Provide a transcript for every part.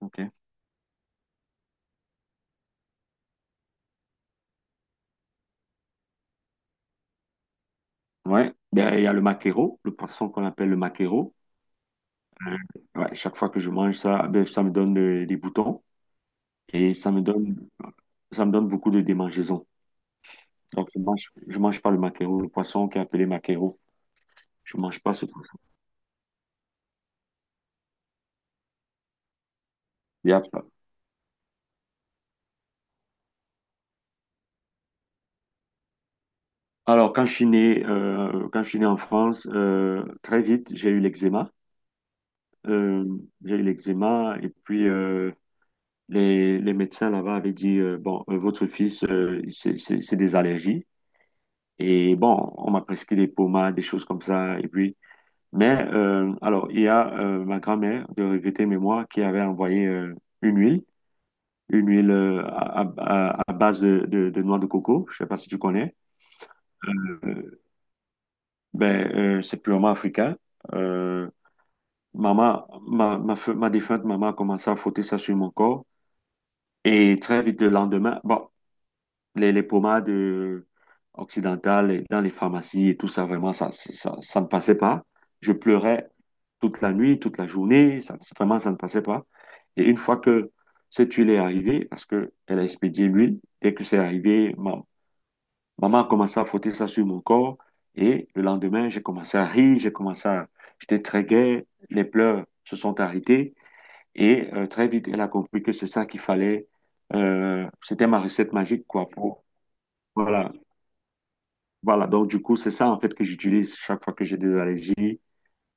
Ok. Ouais. Ben, il y a le maquereau, le poisson qu'on appelle le maquereau. Euh, ouais, chaque fois que je mange ça, ben, ça me donne des boutons et ça me donne beaucoup de démangeaisons. Donc, je mange pas le maquereau, le poisson qui est appelé maquereau. Je mange pas ce poisson. Il y a pas- Alors, quand je suis né en France, très vite, j'ai eu l'eczéma. Euh, j'ai eu l'eczéma et puis les médecins là-bas avaient dit, bon, votre fils, c'est des allergies. Et bon, on m'a prescrit des pommades, des choses comme ça. Et puis, il y a ma grand-mère de regrettée mémoire qui avait envoyé une huile, une huile à base de noix de coco. Je sais pas si tu connais. Euh, c'est purement africain. Euh, maman, ma défunte maman a commencé à frotter ça sur mon corps. Et très vite le lendemain, bon. Les pommades occidentales et dans les pharmacies et tout ça, vraiment, ça ne passait pas. Je pleurais toute la nuit, toute la journée, ça, vraiment, ça ne passait pas. Et une fois que cette huile est arrivée, parce qu'elle a expédié l'huile, dès que c'est arrivé, maman a commencé à frotter ça sur mon corps. Et le lendemain, j'ai commencé à rire, j'ai commencé à... J'étais très gai, les pleurs se sont arrêtés. Et très vite, elle a compris que c'est ça qu'il fallait. C'était ma recette magique, quoi, voilà, voilà, donc du coup, c'est ça en fait que j'utilise chaque fois que j'ai des allergies.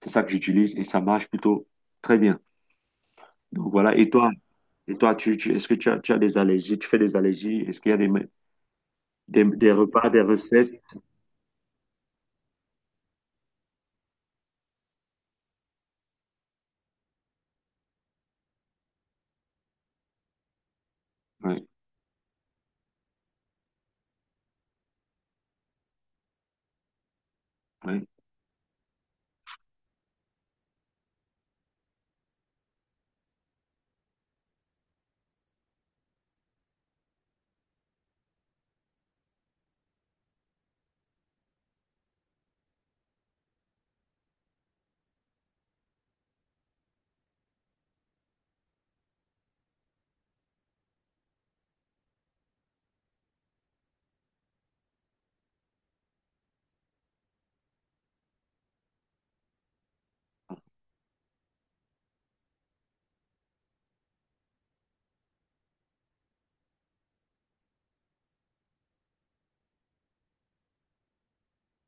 C'est ça que j'utilise et ça marche plutôt très bien. Donc voilà, et toi, est-ce que tu as des allergies? Tu fais des allergies? Est-ce qu'il y a des, me- des repas, des recettes? Oui, oui.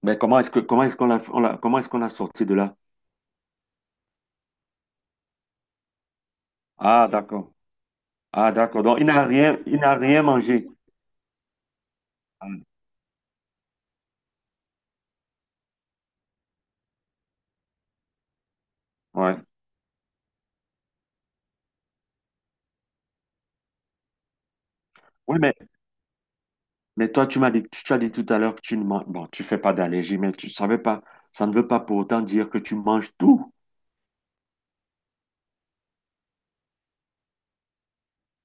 Mais comment est-ce qu'on comment est-ce qu'on l'a sorti de là? Ah, d'accord. Ah, d'accord. Donc il n'a rien mangé. Ah, Ouais. Oui, mais toi, tu m'as dit, tu as dit tout à l'heure que tu ne manges, bon, tu fais pas d'allergie, mais tu savais pas, ça ne veut pas pour autant dire que tu manges tout.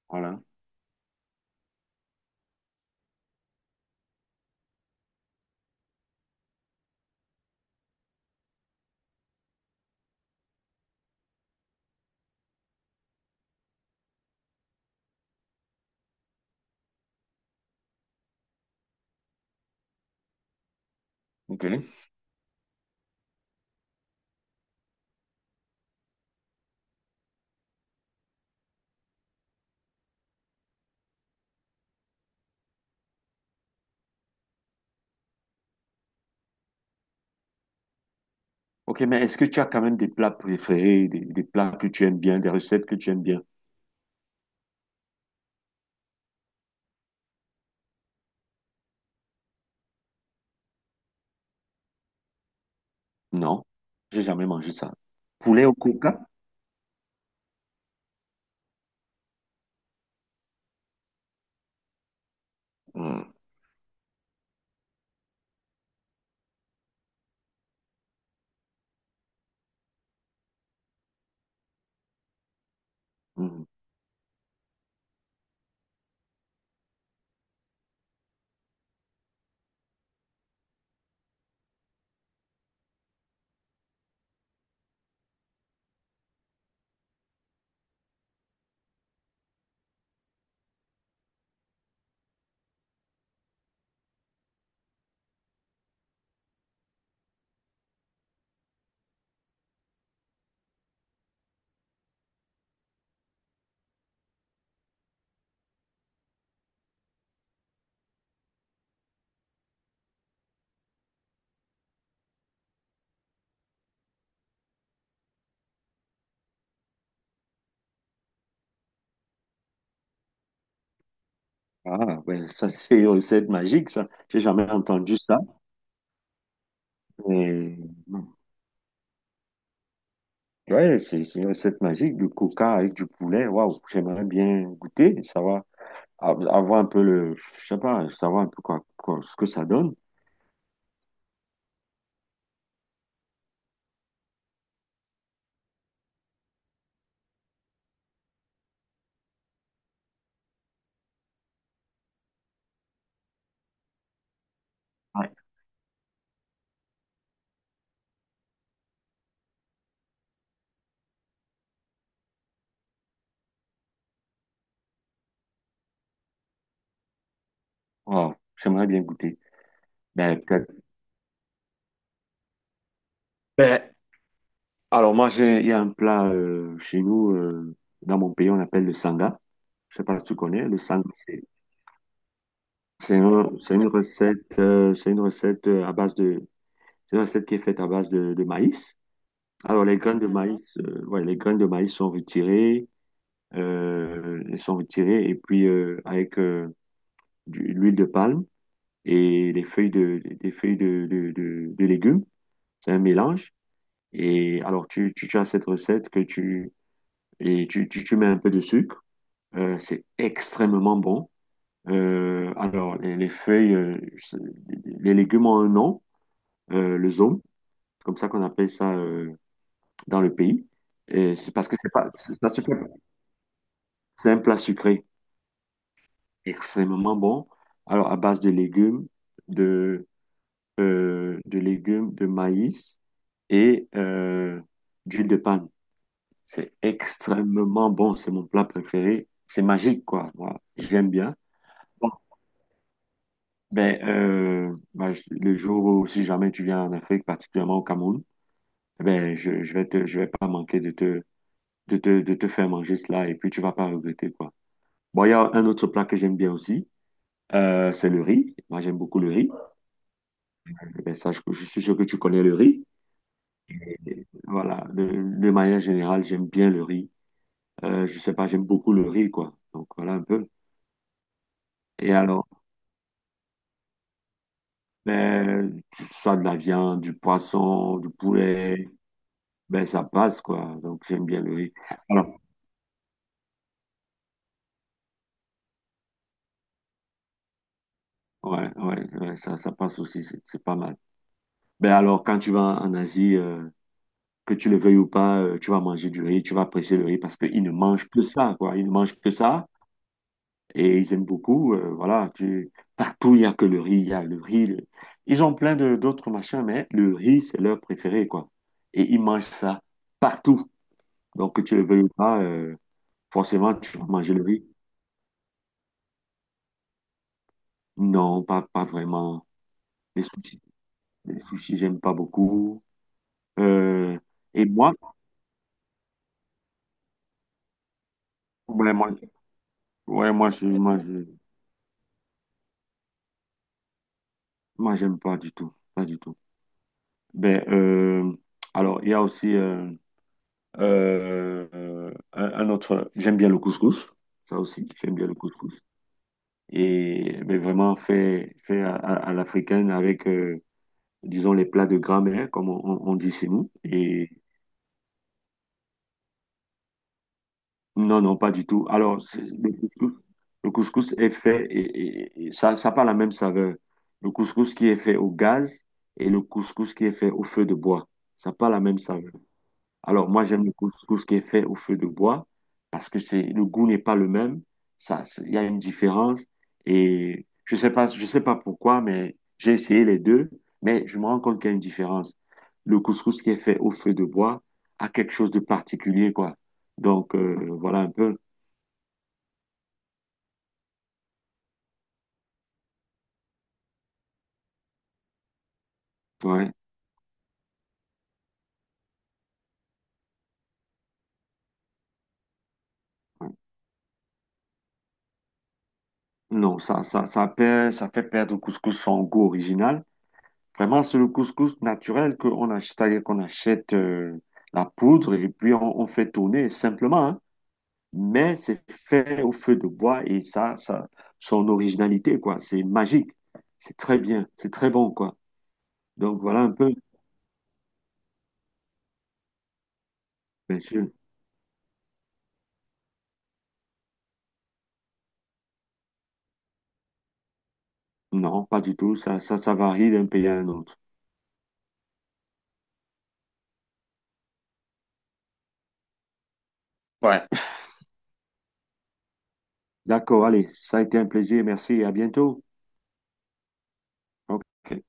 Voilà. Ok. Ok, mais est-ce que tu as quand même des plats préférés, des plats que tu aimes bien, des recettes que tu aimes bien? Non, j'ai jamais mangé ça. Poulet au coca? Hmm, hmm. Ah, ouais, ça c'est une recette magique, ça. J'ai jamais entendu ça. Mais... hmm. Ouais, c'est une recette magique, du coca avec du poulet. Waouh, j'aimerais bien goûter, savoir, avoir un peu le, je sais pas, savoir un peu quoi, ce que ça donne. Ouais. Waouh, j'aimerais bien goûter. Ben, peut-être. Ben. Alors moi, il y a un plat chez nous, dans mon pays, on l'appelle le sanga. Je sais pas si tu connais. Le sanga, c'est une recette, à base de, c'est une recette qui est faite à base de maïs. Alors les graines de maïs, ouais, les graines de maïs sont retirées, elles sont retirées et puis avec l'huile de palme et des feuilles de, de légumes. C'est un mélange. Et alors tu as cette recette que tu et tu mets un peu de sucre. C'est extrêmement bon. Alors, les feuilles, les légumes ont un nom, le zome, comme ça qu'on appelle ça dans le pays. Et c'est parce que c'est pas, ça se fait, c'est un plat sucré, extrêmement bon. Alors, à base de légumes, de, de légumes, de maïs et d'huile de palme. C'est extrêmement bon, c'est mon plat préféré. C'est magique, quoi. Moi, j'aime bien. Le jour où si jamais tu viens en Afrique, particulièrement au Cameroun, ben, je vais je vais pas manquer de te, de te faire manger cela et puis tu vas pas regretter, quoi. Bon, il y a un autre plat que j'aime bien aussi, c'est le riz. Moi, j'aime beaucoup le riz. Eh Ben, ça, je suis sûr que tu connais le riz. Voilà, de manière générale, j'aime bien le riz. Je sais pas, j'aime beaucoup le riz, quoi. Donc, voilà un peu. Et alors, ben, soit de la viande, du poisson, du poulet, ben, ça passe, quoi. Donc, j'aime bien le riz. alors Ouais, ça, ça passe aussi, c'est pas mal. Ben alors, quand tu vas en Asie, que tu le veuilles ou pas, tu vas manger du riz, tu vas apprécier le riz parce qu'ils ne mangent que ça, quoi. Ils ne mangent que ça et ils aiment beaucoup. Voilà, tu... partout, il y a le riz. Ils ont plein de d'autres machins, mais le riz, c'est leur préféré, quoi. Et ils mangent ça partout. Donc, que tu le veuilles ou pas, forcément, tu vas manger le riz. Non, pas vraiment. Les sushis, les sushis, j'aime pas beaucoup. Euh, et moi, Ouais, moi, ouais, moi, je, moi, je, Moi, j'aime pas du tout, pas du tout. Ben, euh, alors, il y a aussi un autre, j'aime bien le couscous, ça aussi, j'aime bien le couscous. Et ben, vraiment fait, fait à, à l'africaine avec, disons, les plats de grammaire, comme on dit chez nous. Et non, non, pas du tout. Le couscous, le couscous est fait et ça n'a pas la même saveur. Le couscous qui est fait au gaz et le couscous qui est fait au feu de bois, ça n'a pas la même saveur. Alors, moi, j'aime le couscous qui est fait au feu de bois parce que c'est le goût n'est pas le même. Il y a une différence et je sais pas pourquoi, mais j'ai essayé les deux, mais je me rends compte qu'il y a une différence. Le couscous qui est fait au feu de bois a quelque chose de particulier, quoi. Donc, voilà un peu. Ouais. Ouais. Non, ça perd, ça fait perdre au couscous son goût original. Vraiment, c'est le couscous naturel qu'on achète, c'est-à-dire qu'on achète la poudre et puis on fait tourner simplement, hein. Mais c'est fait au feu de bois et son originalité, quoi. C'est magique. C'est très bien. C'est très bon, quoi. Donc voilà un peu. Bien sûr. Non, pas du tout. Ça varie d'un pays à un autre. Ouais. D'accord, allez. Ça a été un plaisir. Merci et à bientôt. Ok.